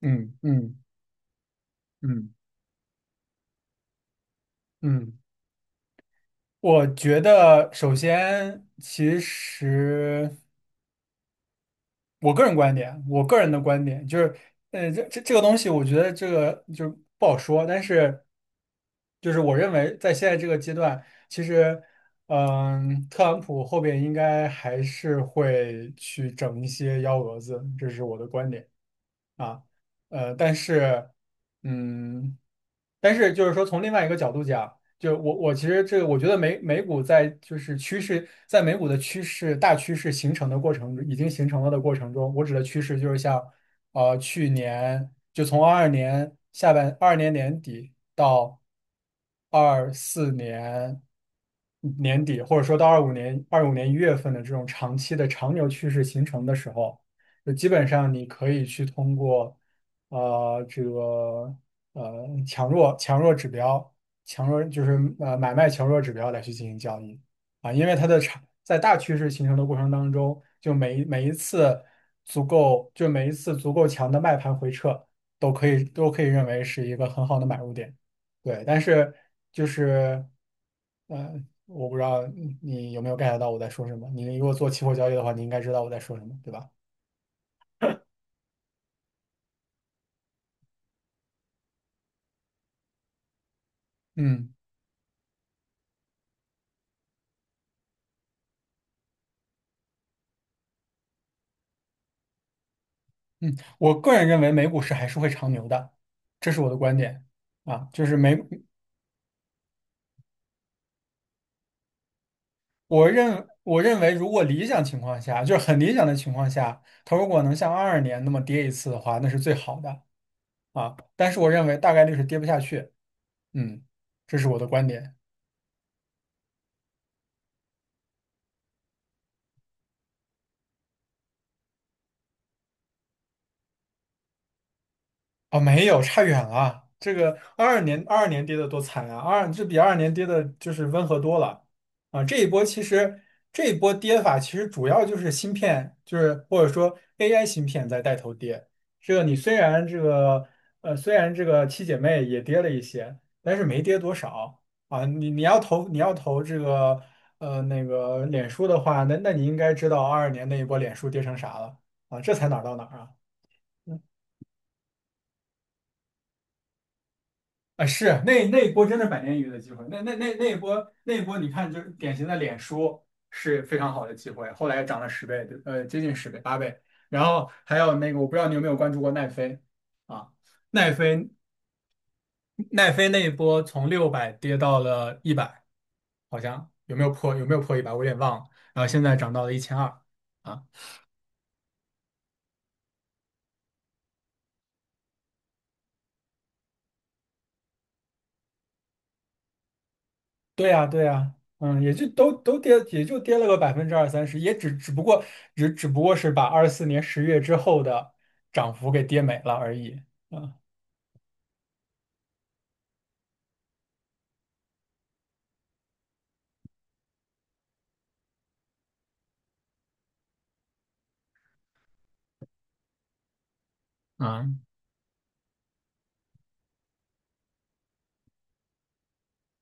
嗯嗯嗯嗯，我觉得首先，其实我个人的观点就是，这个东西，我觉得这个就不好说，但是就是我认为在现在这个阶段，其实，特朗普后边应该还是会去整一些幺蛾子，这是我的观点啊，呃，但是。嗯，但是就是说，从另外一个角度讲，就我其实这个，我觉得美股在就是趋势，在美股的趋势大趋势形成的过程，已经形成了的过程中，我指的趋势就是像去年就从二二年年底到二四年年底，或者说到二五年1月份的这种长期的长牛趋势形成的时候。就基本上你可以去通过呃这个强弱指标，强弱就是买卖强弱指标来去进行交易啊，因为它的长在大趋势形成的过程当中，就每一次足够强的卖盘回撤，都可以认为是一个很好的买入点，对，但是就是呃。我不知道你有没有 get 到我在说什么。你如果做期货交易的话，你应该知道我在说什么，对吧？嗯。嗯，我个人认为美股市还是会长牛的，这是我的观点啊。就是美，我认为，如果理想情况下，就是很理想的情况下，它如果能像二二年那么跌一次的话，那是最好的啊。但是我认为大概率是跌不下去。嗯，这是我的观点。哦，没有，差远了。这个二二年，二二年跌的多惨啊！这比二二年跌的就是温和多了啊。这一波跌法其实主要就是芯片，就是或者说 AI 芯片在带头跌。你虽然这个七姐妹也跌了一些，但是没跌多少啊。你要投这个那个脸书的话，那你应该知道二二年那一波脸书跌成啥了啊？这才哪儿到哪儿啊？啊，是那一波真的百年一遇的机会，那一波，你看就是典型的脸书是非常好的机会，后来涨了十倍，接近十倍，8倍。然后还有那个，我不知道你有没有关注过奈飞啊？奈飞奈飞那一波从600跌到了一百，好像有没有破一百？我有点忘了。然后现在涨到了1200啊，对呀，对呀，嗯，也就都跌，也就跌了个百分之二三十，也只只不过只只不过是把24年10月之后的涨幅给跌没了而已。嗯，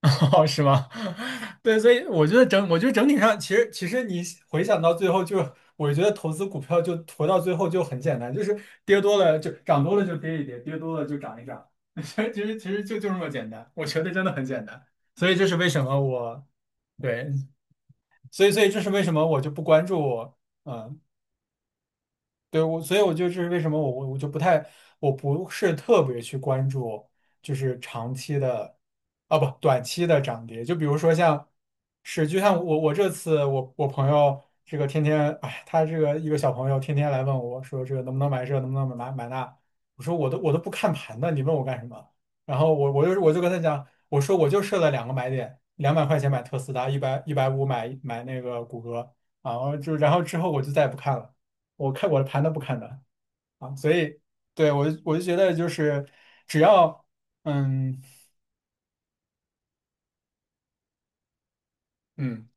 哦，是吗？对，所以我觉得整体上，其实你回想到最后就，我觉得投资股票就投到最后就很简单，就是跌多了就涨多了就跌一跌，跌多了就涨一涨，其实这么简单，我觉得真的很简单。所以这是为什么我对，所以这是为什么我就不关注。嗯。对，我，所以我就是为什么我我我就不太，我不是特别去关注，就是长期的，啊不，短期的涨跌。就比如说像是，就像我这次我朋友这个天天，哎，他这个一个小朋友天天来问我说这个能不能买这，能不能买买那，我说我都不看盘的，你问我干什么？然后我就跟他讲，我说我就设了两个买点，200块钱买特斯拉，一百五买那个谷歌。啊，就然后之后我就再也不看了。我看我的盘都不看的啊，所以对我就觉得就是只要嗯嗯。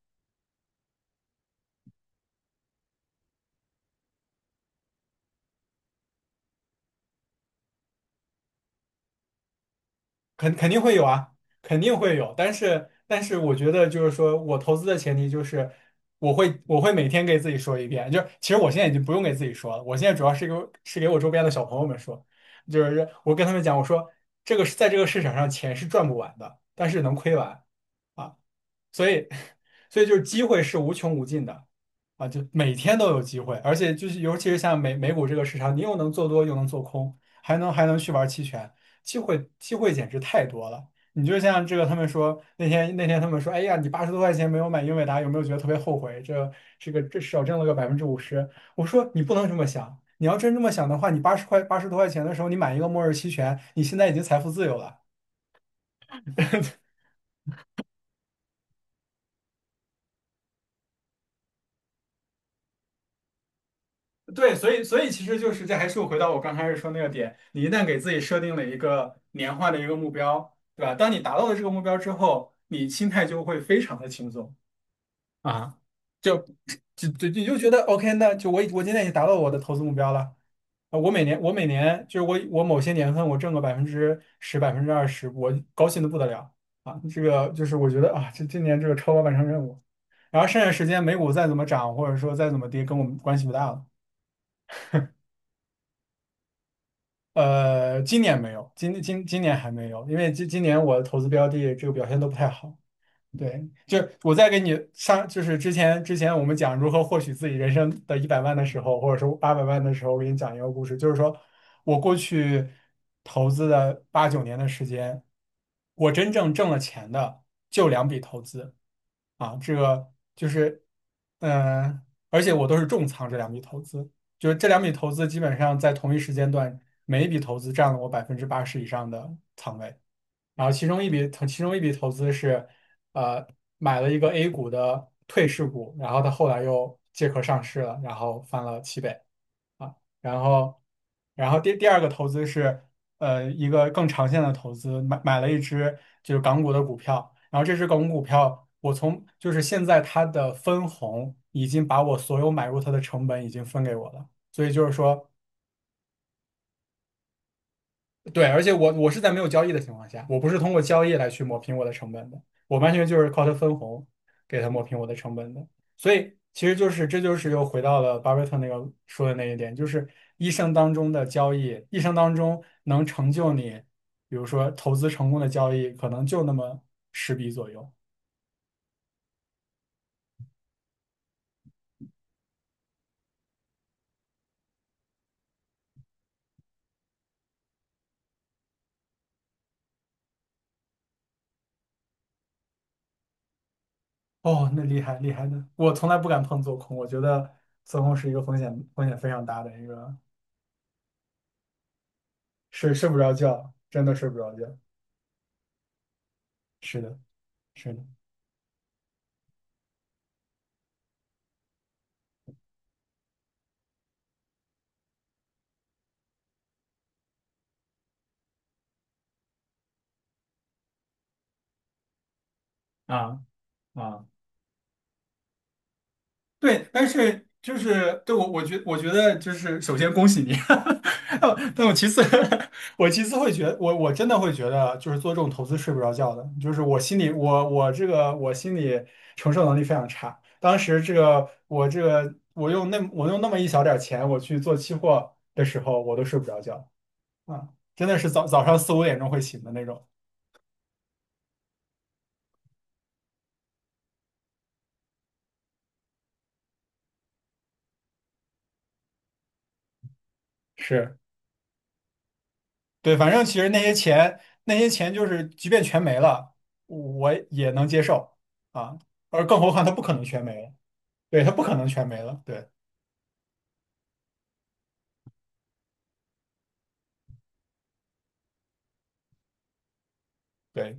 肯定会有啊，肯定会有，但是但是我觉得就是说我投资的前提就是我会每天给自己说一遍，就是其实我现在已经不用给自己说了，我现在主要是给我周边的小朋友们说，就是我跟他们讲，我说这个是在这个市场上钱是赚不完的，但是能亏完。啊。所以，所以就是机会是无穷无尽的啊，就每天都有机会，而且就是尤其是像美股这个市场，你又能做多又能做空，还能去玩期权，机会简直太多了。你就像这个，他们说那天他们说，哎呀，你八十多块钱没有买英伟达，有没有觉得特别后悔？这少挣了个50%。我说你不能这么想，你要真这么想的话，你八十多块钱的时候，你买一个末日期权，你现在已经财富自由了。对，所以其实就是这还是回到我刚开始说那个点，你一旦给自己设定了一个年化的一个目标，对吧？当你达到了这个目标之后，你心态就会非常的轻松啊，就就就你就觉得 OK,那就我今天已经达到我的投资目标了。我每年我某些年份我挣个10%20%，我高兴的不得了啊！这个就是我觉得啊，这今年这个超额完成任务，然后剩下时间美股再怎么涨或者说再怎么跌，跟我们关系不大了。今年没有，今年还没有，因为今年我的投资标的这个表现都不太好。对，就是我在给你上，就是之前我们讲如何获取自己人生的100万的时候，或者说800万的时候，我给你讲一个故事，就是说我过去投资的八九年的时间，我真正挣了钱的就两笔投资啊，这个就是，嗯、而且我都是重仓这两笔投资，就是这两笔投资基本上在同一时间段，每一笔投资占了我80%以上的仓位。然后其中一笔投资是，呃，买了一个 A 股的退市股，然后它后来又借壳上市了，然后翻了7倍啊。然后，然后第二个投资是，一个更长线的投资，买了一只就是港股的股票，然后这只港股股票，就是现在它的分红已经把我所有买入它的成本已经分给我了，所以就是说。对，而且我是在没有交易的情况下，我不是通过交易来去抹平我的成本的，我完全就是靠它分红给它抹平我的成本的。所以其实就是这就是又回到了巴菲特那个说的那一点，就是一生当中的交易，一生当中能成就你，比如说投资成功的交易，可能就那么10笔左右。哦，那厉害厉害的，我从来不敢碰做空，我觉得做空是一个风险非常大的一个，睡不着觉，真的睡不着觉。是的，是的。啊啊，对，但是就是对我，我觉得就是首先恭喜你，我其次 我其次会觉得，我真的会觉得，就是做这种投资睡不着觉的，就是我心里我我这个我心里承受能力非常差。当时我用那么一小点儿钱，我去做期货的时候，我都睡不着觉啊，真的是早上四五点钟会醒的那种。是。对，反正其实那些钱，就是，即便全没了，我也能接受啊。而更何况它不可能全没了，对，它不可能全没了，对对，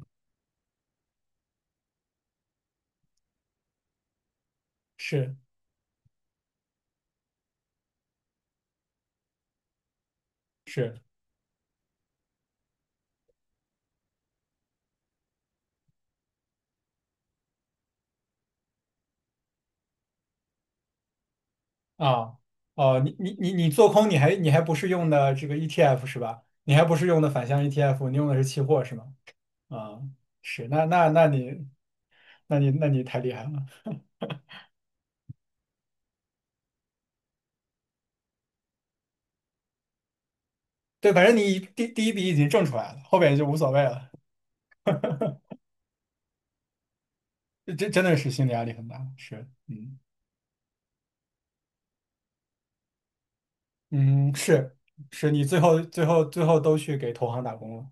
是是啊，哦，你做空，你还不是用的这个 ETF 是吧？你还不是用的反向 ETF,你用的是期货是吗？啊，是，那你太厉害了。对，反正你第一笔已经挣出来了，后边就无所谓了。真真的是心理压力很大，是，嗯。嗯，是是，你最后都去给投行打工了。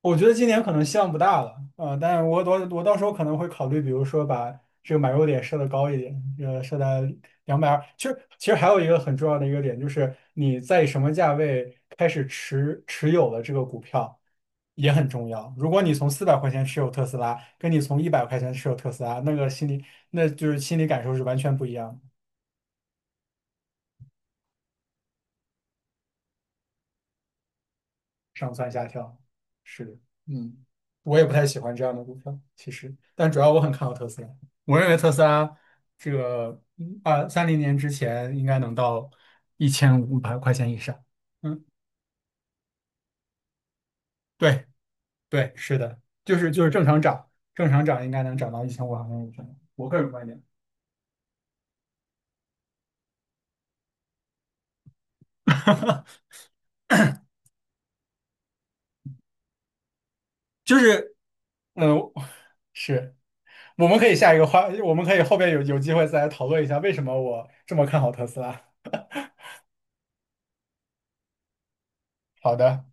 我觉得今年可能希望不大了，呃，但是我到时候可能会考虑，比如说把这个买入点设的高一点，呃，设在220。其实还有一个很重要的一个点，就是你在什么价位开始持有了这个股票也很重要。如果你从400块钱持有特斯拉，跟你从100块钱持有特斯拉，那个心理那就是心理感受是完全不一样的。上蹿下跳，是的，嗯，我也不太喜欢这样的股票，其实，但主要我很看好特斯拉。我认为特斯拉这个2030年之前应该能到一千五百块钱以上。嗯，对对，是的，就是正常涨，正常涨应该能涨到一千五百块钱以上。我个人观点，就是嗯，呃是。我们可以下一个话，我们可以后边有机会再来讨论一下为什么我这么看好特斯拉。好的。